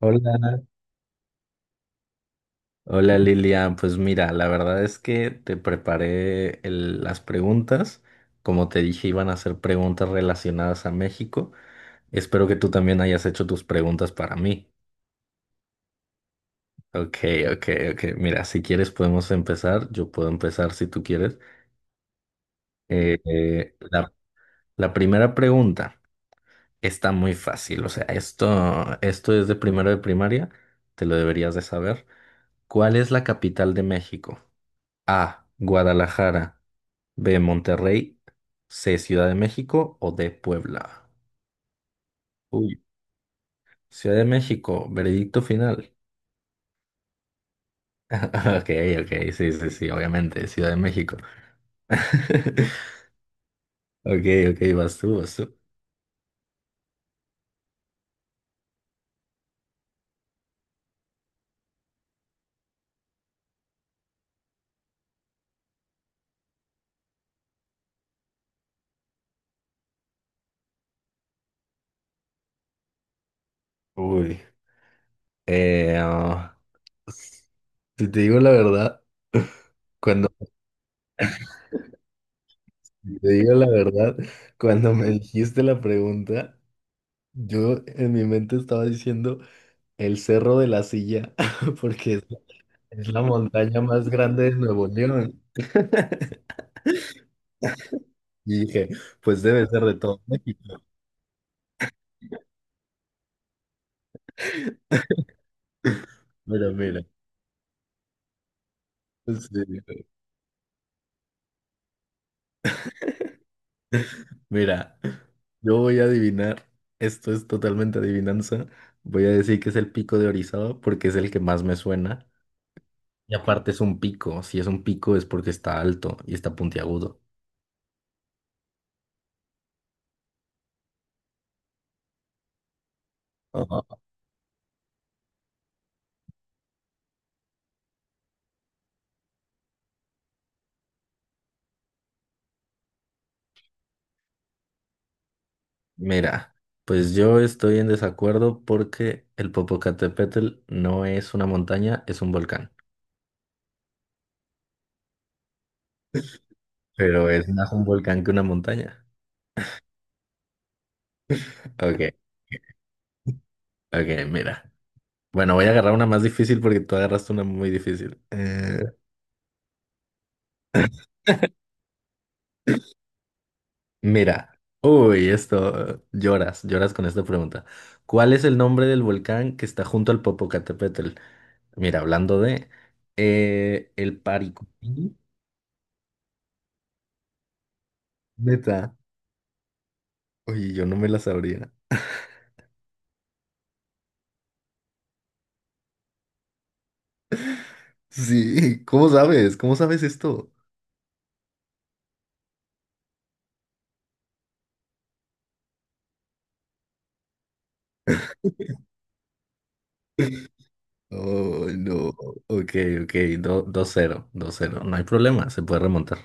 Hola, hola Lilian. Pues mira, la verdad es que te preparé las preguntas. Como te dije, iban a ser preguntas relacionadas a México. Espero que tú también hayas hecho tus preguntas para mí. Ok, ok, ok. Mira, si quieres podemos empezar. Yo puedo empezar si tú quieres. Eh, eh, la, la primera pregunta está muy fácil. O sea, esto es de primero de primaria. Te lo deberías de saber. ¿Cuál es la capital de México? A, Guadalajara. B, Monterrey. C, Ciudad de México, o D, Puebla. Uy, Ciudad de México, veredicto final. Ok, ok, sí, sí, sí, obviamente, Ciudad de México. Ok, ok, vas tú, vas tú. Uy, eh, ah, si te digo la verdad, cuando si te digo la verdad, cuando me dijiste la pregunta, yo en mi mente estaba diciendo el Cerro de la Silla, porque es la montaña más grande de Nuevo León. Y dije, pues debe ser de todo México. Mira, mira. Pues, sí. Mira, yo voy a adivinar. Esto es totalmente adivinanza. Voy a decir que es el pico de Orizaba porque es el que más me suena. Y aparte es un pico. Si es un pico es porque está alto y está puntiagudo. Ajá. Mira, pues yo estoy en desacuerdo porque el Popocatépetl no es una montaña, es un volcán. Pero es más un volcán que una montaña. Ok, ok, mira. Bueno, voy a agarrar una más difícil porque tú agarraste una muy difícil. Mira. Uy, esto, lloras con esta pregunta. ¿Cuál es el nombre del volcán que está junto al Popocatépetl? Mira, hablando de el Paricupí, neta. Oye, yo no me la sabría. Sí, ¿cómo sabes? ¿Cómo sabes esto? Oh, no. Ok, ok, dos cero, dos cero. No hay problema, se puede remontar.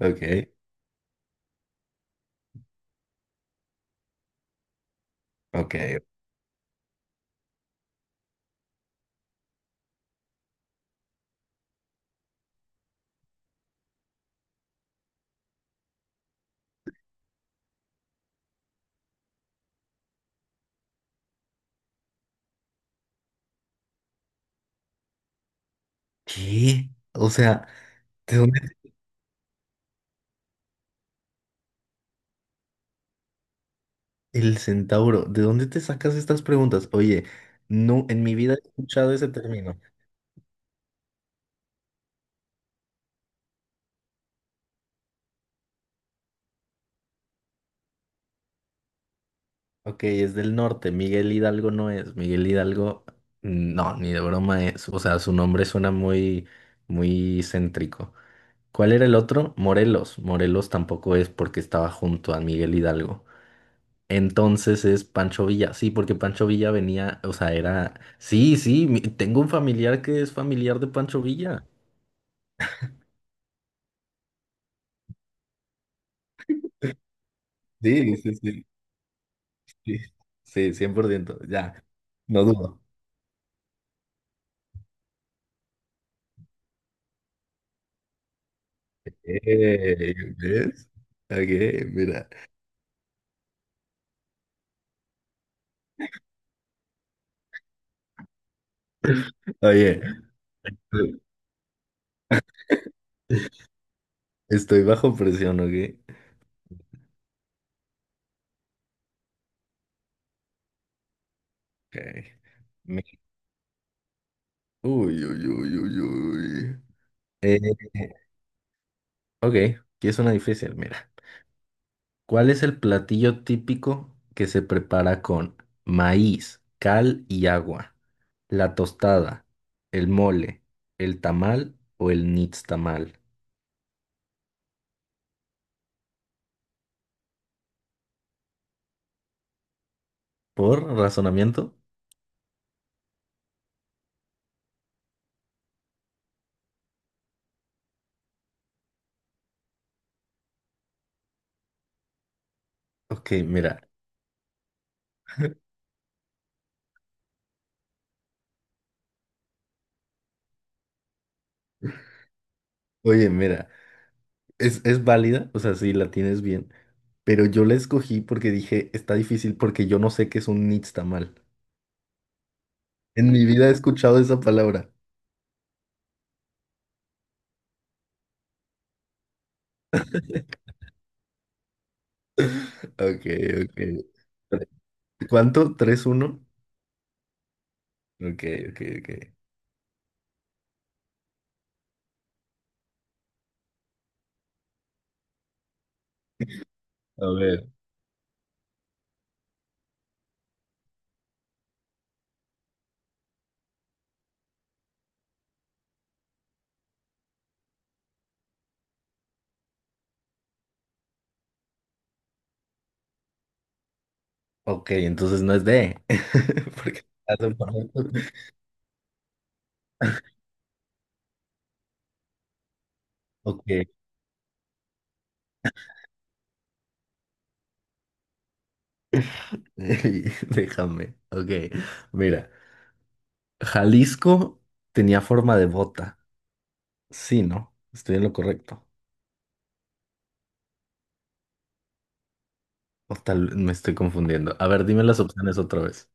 Ok, ok. ¿Qué? O sea, ¿de dónde el centauro? ¿De dónde te sacas estas preguntas? Oye, no, en mi vida he escuchado ese término. Ok, es del norte. Miguel Hidalgo no es. Miguel Hidalgo, no, ni de broma es. O sea, su nombre suena muy, muy céntrico. ¿Cuál era el otro? Morelos. Morelos tampoco es porque estaba junto a Miguel Hidalgo. Entonces es Pancho Villa. Sí, porque Pancho Villa venía, o sea, era. Sí, sí, tengo un familiar que es familiar de Pancho Villa. Sí, sí, sí, sí, sí, 100%, ya, no dudo. ¿Ves? Ok, mira, oye, estoy bajo presión, ¿ok? Ok. Me- Uy, uy, uy, uy, uy. Eh, ok, aquí es una difícil, mira. ¿Cuál es el platillo típico que se prepara con maíz, cal y agua? ¿La tostada, el mole, el tamal o el nixtamal? ¿Por razonamiento? Ok, mira, oye, mira, es válida, o sea, sí, la tienes bien, pero yo la escogí porque dije, está difícil porque yo no sé qué es un nixtamal. En mi vida he escuchado esa palabra. Ok, ok. Cuánto. Tres uno. Ok, ok, ok. A ver. Ok, entonces no es D. Porque hace por ahí. Ok, déjame. Ok, mira, Jalisco tenía forma de bota. Sí, ¿no? Estoy en lo correcto. O tal, me estoy confundiendo. A ver, dime las opciones otra vez.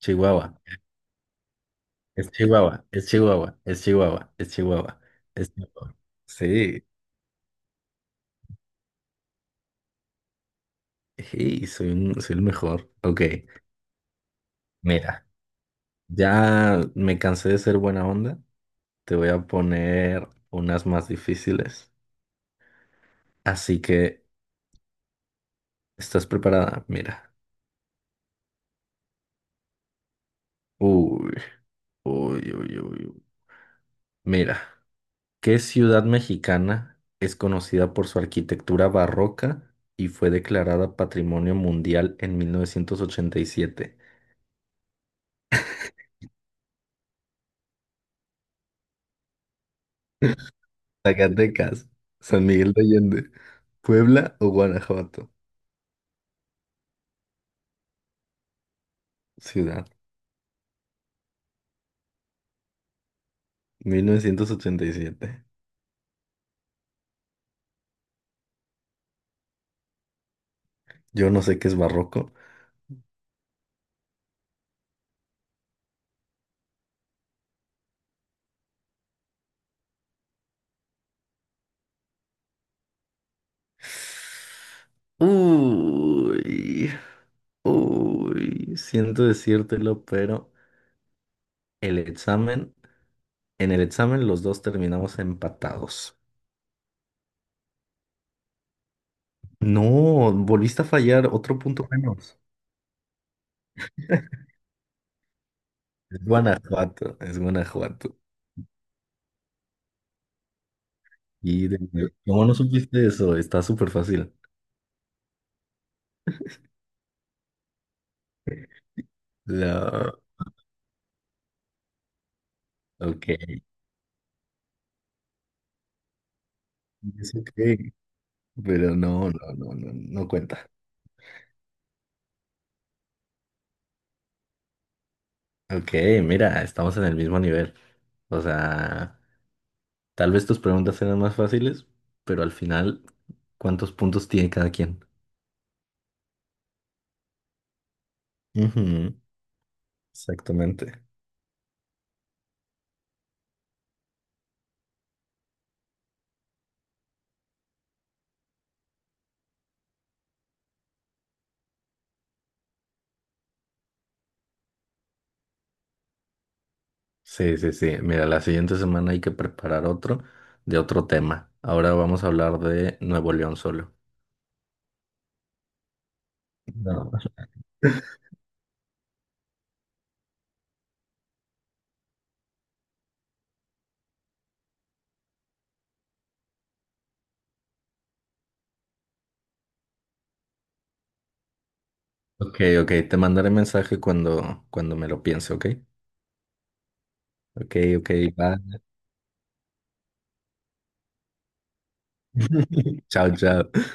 Chihuahua, es Chihuahua, es Chihuahua, es Chihuahua, es Chihuahua, es Chihuahua. Sí, sí, soy el mejor. Ok, mira, ya me cansé de ser buena onda. Te voy a poner unas más difíciles. Así que, ¿estás preparada? Mira. Uy, uy, uy, uy, uy. Mira. ¿Qué ciudad mexicana es conocida por su arquitectura barroca y fue declarada Patrimonio Mundial en 1987? Zacatecas, San Miguel de Allende, Puebla o Guanajuato. Ciudad, 1987. Yo no sé qué es barroco. Uy, uy, siento decírtelo, pero el examen, en el examen los dos terminamos empatados. No, volviste a fallar, otro punto menos. Es Guanajuato, es Guanajuato. Y de nuevo, ¿cómo no supiste eso? Está súper fácil. La... Ok, es ok, pero no, no, no, no, no cuenta. Ok, mira, estamos en el mismo nivel. O sea, tal vez tus preguntas eran más fáciles, pero al final, ¿cuántos puntos tiene cada quien? Ujú, exactamente. Sí, sí, sí. Mira, la siguiente semana hay que preparar otro de otro tema. Ahora vamos a hablar de Nuevo León solo. No. Ok, ok, te mandaré mensaje cuando me lo piense, ¿ok? Ok, ok, va. Chao, chao.